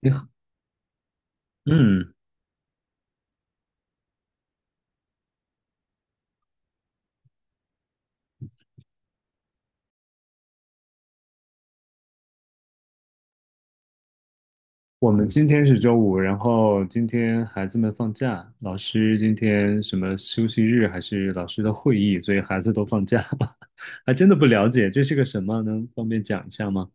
你好。嗯。我们今天是周五，然后今天孩子们放假，老师今天什么休息日还是老师的会议，所以孩子都放假了，还真的不了解这是个什么，能方便讲一下吗？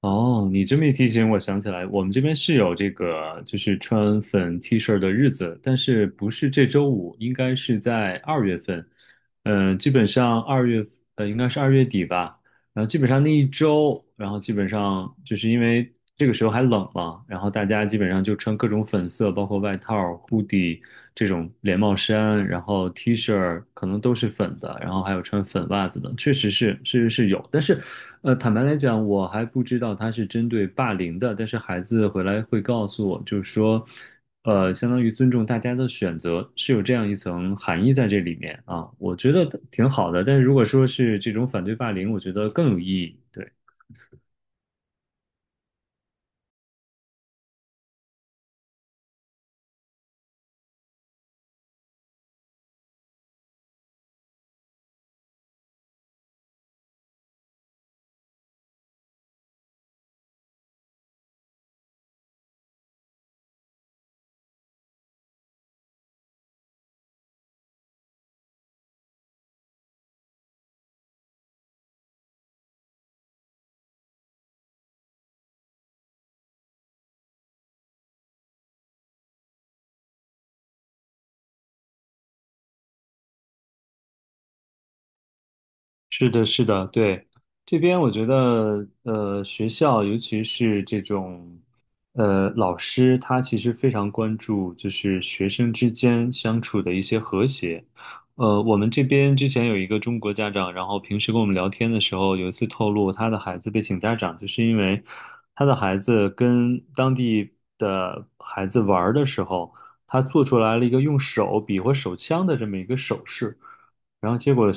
哦，你这么一提醒，我想起来，我们这边是有这个，就是穿粉 T 恤的日子，但是不是这周五，应该是在二月份，嗯、基本上二月，应该是二月底吧。然后基本上那一周，然后基本上就是因为这个时候还冷嘛，然后大家基本上就穿各种粉色，包括外套、hoodie 这种连帽衫，然后 T 恤可能都是粉的，然后还有穿粉袜子的，确实是，确实是有。但是，坦白来讲，我还不知道他是针对霸凌的，但是孩子回来会告诉我，就是说。相当于尊重大家的选择，是有这样一层含义在这里面啊，我觉得挺好的。但是如果说是这种反对霸凌，我觉得更有意义。对。是的，是的，对，这边我觉得，学校尤其是这种，老师他其实非常关注就是学生之间相处的一些和谐。我们这边之前有一个中国家长，然后平时跟我们聊天的时候，有一次透露他的孩子被请家长，就是因为他的孩子跟当地的孩子玩儿的时候，他做出来了一个用手比划手枪的这么一个手势。然后结果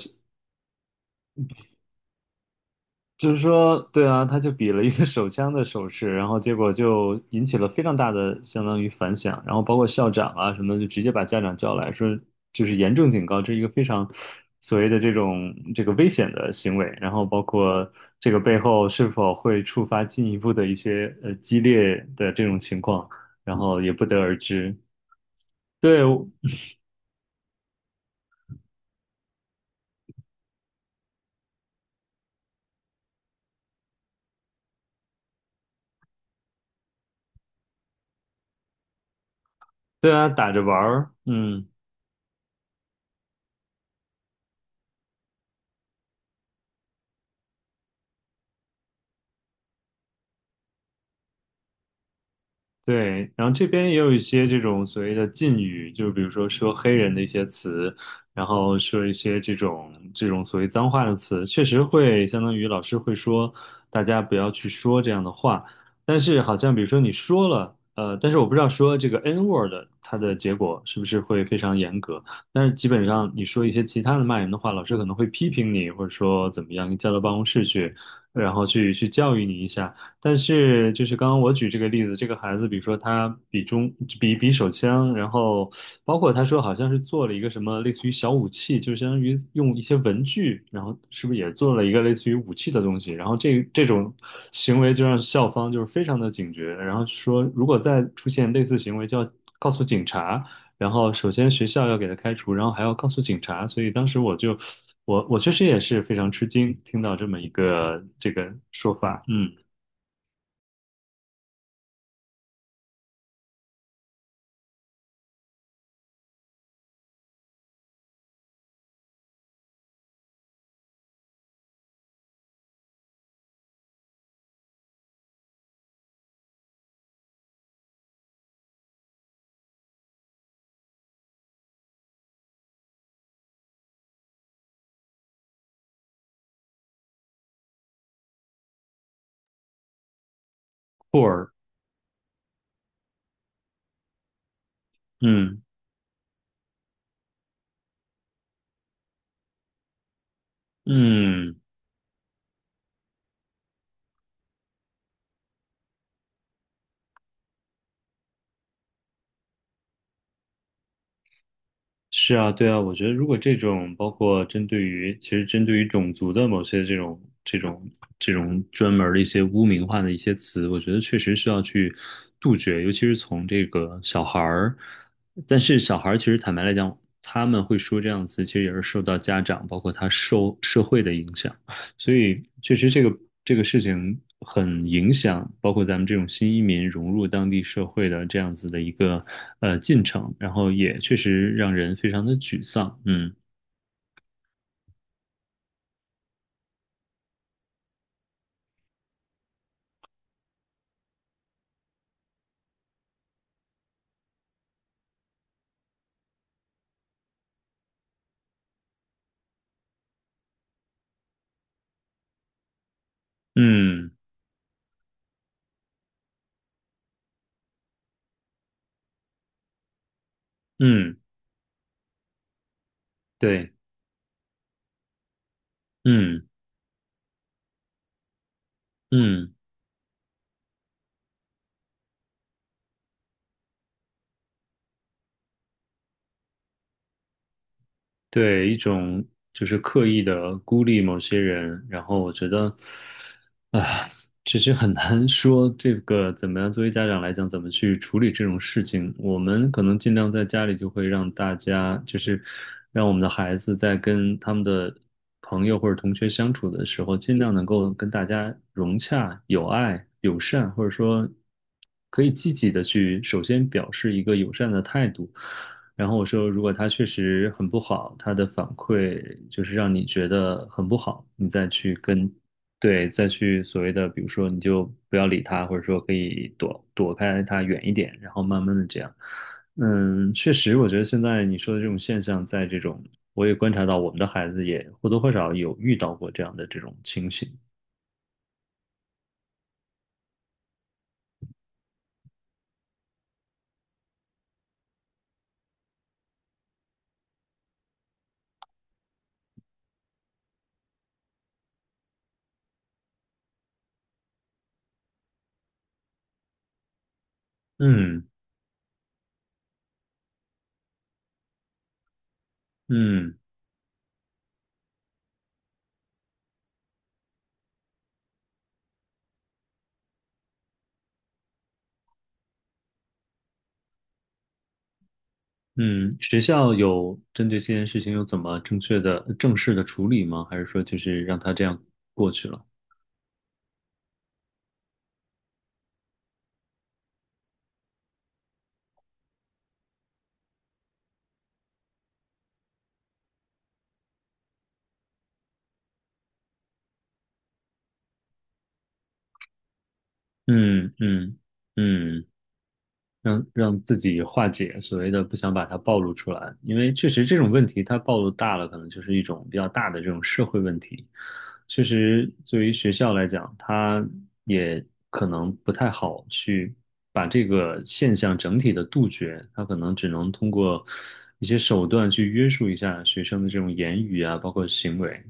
就是说，对啊，他就比了一个手枪的手势，然后结果就引起了非常大的相当于反响，然后包括校长啊什么的，就直接把家长叫来说，就是严重警告，这是一个非常所谓的这种这个危险的行为，然后包括这个背后是否会触发进一步的一些激烈的这种情况，然后也不得而知。对，对啊，打着玩儿，嗯。对，然后这边也有一些这种所谓的禁语，就比如说说黑人的一些词，然后说一些这种这种所谓脏话的词，确实会相当于老师会说大家不要去说这样的话，但是好像比如说你说了，但是我不知道说这个 N word 它的结果是不是会非常严格，但是基本上你说一些其他的骂人的话，老师可能会批评你，或者说怎么样，你叫到办公室去，然后去教育你一下。但是就是刚刚我举这个例子，这个孩子，比如说他比中比比手枪，然后包括他说好像是做了一个什么类似于小武器，就相当于用一些文具，然后是不是也做了一个类似于武器的东西？然后这种行为就让校方就是非常的警觉，然后说如果再出现类似行为，就要告诉警察。然后首先学校要给他开除，然后还要告诉警察，所以当时我就我确实也是非常吃惊，听到这么一个这个说法，嗯。poor，嗯嗯，是啊，对啊，我觉得如果这种包括针对于其实针对于种族的某些这种专门儿的一些污名化的一些词，我觉得确实需要去杜绝，尤其是从这个小孩儿，但是小孩儿其实坦白来讲，他们会说这样的词，其实也是受到家长包括他受社会的影响。所以确实这个事情很影响，包括咱们这种新移民融入当地社会的这样子的一个进程，然后也确实让人非常的沮丧。嗯嗯嗯，对，嗯嗯。对，一种就是刻意的孤立某些人，然后我觉得，啊，其实很难说这个怎么样，作为家长来讲，怎么去处理这种事情。我们可能尽量在家里就会让大家，就是让我们的孩子在跟他们的朋友或者同学相处的时候，尽量能够跟大家融洽、友爱、友善，或者说可以积极的去首先表示一个友善的态度。然后我说，如果他确实很不好，他的反馈就是让你觉得很不好，你再去跟，对，再去所谓的，比如说你就不要理他，或者说可以躲开他远一点，然后慢慢的这样。嗯，确实，我觉得现在你说的这种现象，在这种我也观察到，我们的孩子也或多或少有遇到过这样的这种情形。嗯嗯。嗯，学校有针对这件事情有怎么正确的、正式的处理吗？还是说就是让他这样过去了？嗯嗯嗯。让让自己化解所谓的不想把它暴露出来，因为确实这种问题它暴露大了，可能就是一种比较大的这种社会问题。确实，对于学校来讲，它也可能不太好去把这个现象整体的杜绝，它可能只能通过一些手段去约束一下学生的这种言语啊，包括行为。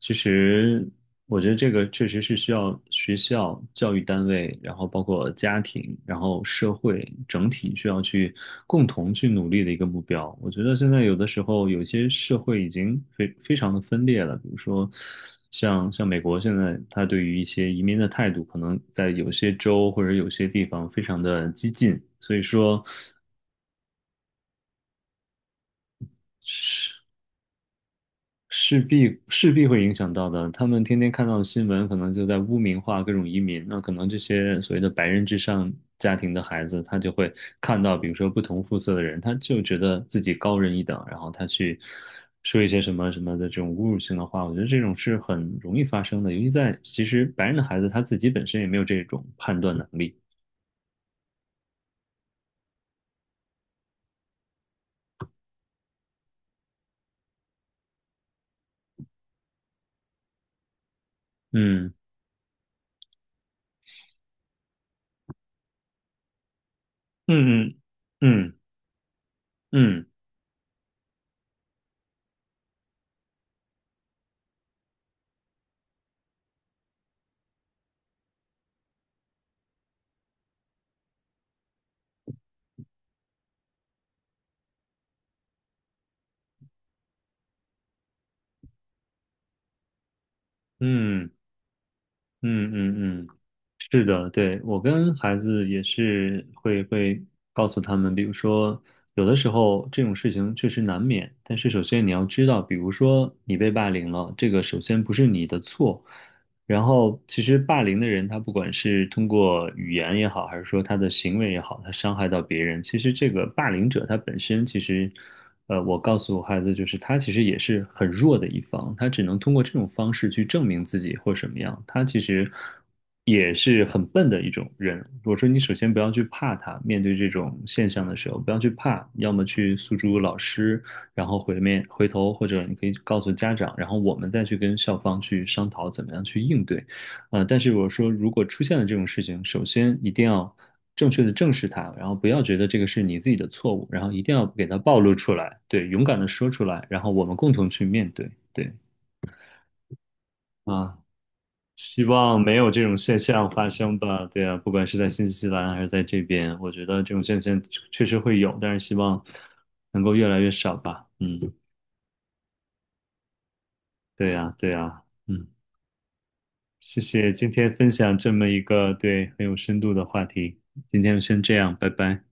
其实，我觉得这个确实是需要学校、教育单位，然后包括家庭，然后社会整体需要去共同去努力的一个目标。我觉得现在有的时候，有些社会已经非常的分裂了，比如说像美国现在，它对于一些移民的态度，可能在有些州或者有些地方非常的激进，所以说。势必会影响到的。他们天天看到的新闻，可能就在污名化各种移民。那可能这些所谓的白人至上家庭的孩子，他就会看到，比如说不同肤色的人，他就觉得自己高人一等，然后他去说一些什么什么的这种侮辱性的话。我觉得这种是很容易发生的，尤其在其实白人的孩子他自己本身也没有这种判断能力。嗯嗯嗯嗯嗯嗯嗯嗯嗯嗯。嗯嗯嗯是的，对，我跟孩子也是会告诉他们，比如说有的时候这种事情确实难免，但是首先你要知道，比如说你被霸凌了，这个首先不是你的错，然后，其实霸凌的人，他不管是通过语言也好，还是说他的行为也好，他伤害到别人，其实这个霸凌者他本身，其实，我告诉我孩子，就是他其实也是很弱的一方，他只能通过这种方式去证明自己或什么样，他其实也是很笨的一种人。我说，你首先不要去怕他，面对这种现象的时候，不要去怕，要么去诉诸老师。然后回头或者你可以告诉家长，然后我们再去跟校方去商讨怎么样去应对。但是我说，如果出现了这种事情，首先一定要正确的正视它，然后不要觉得这个是你自己的错误，然后一定要给它暴露出来，对，勇敢的说出来，然后我们共同去面对，对啊。希望没有这种现象发生吧。对啊，不管是在新西兰还是在这边，我觉得这种现象确实会有，但是希望能够越来越少吧。嗯，对呀，对呀，嗯。谢谢今天分享这么一个对很有深度的话题，今天就先这样，拜拜。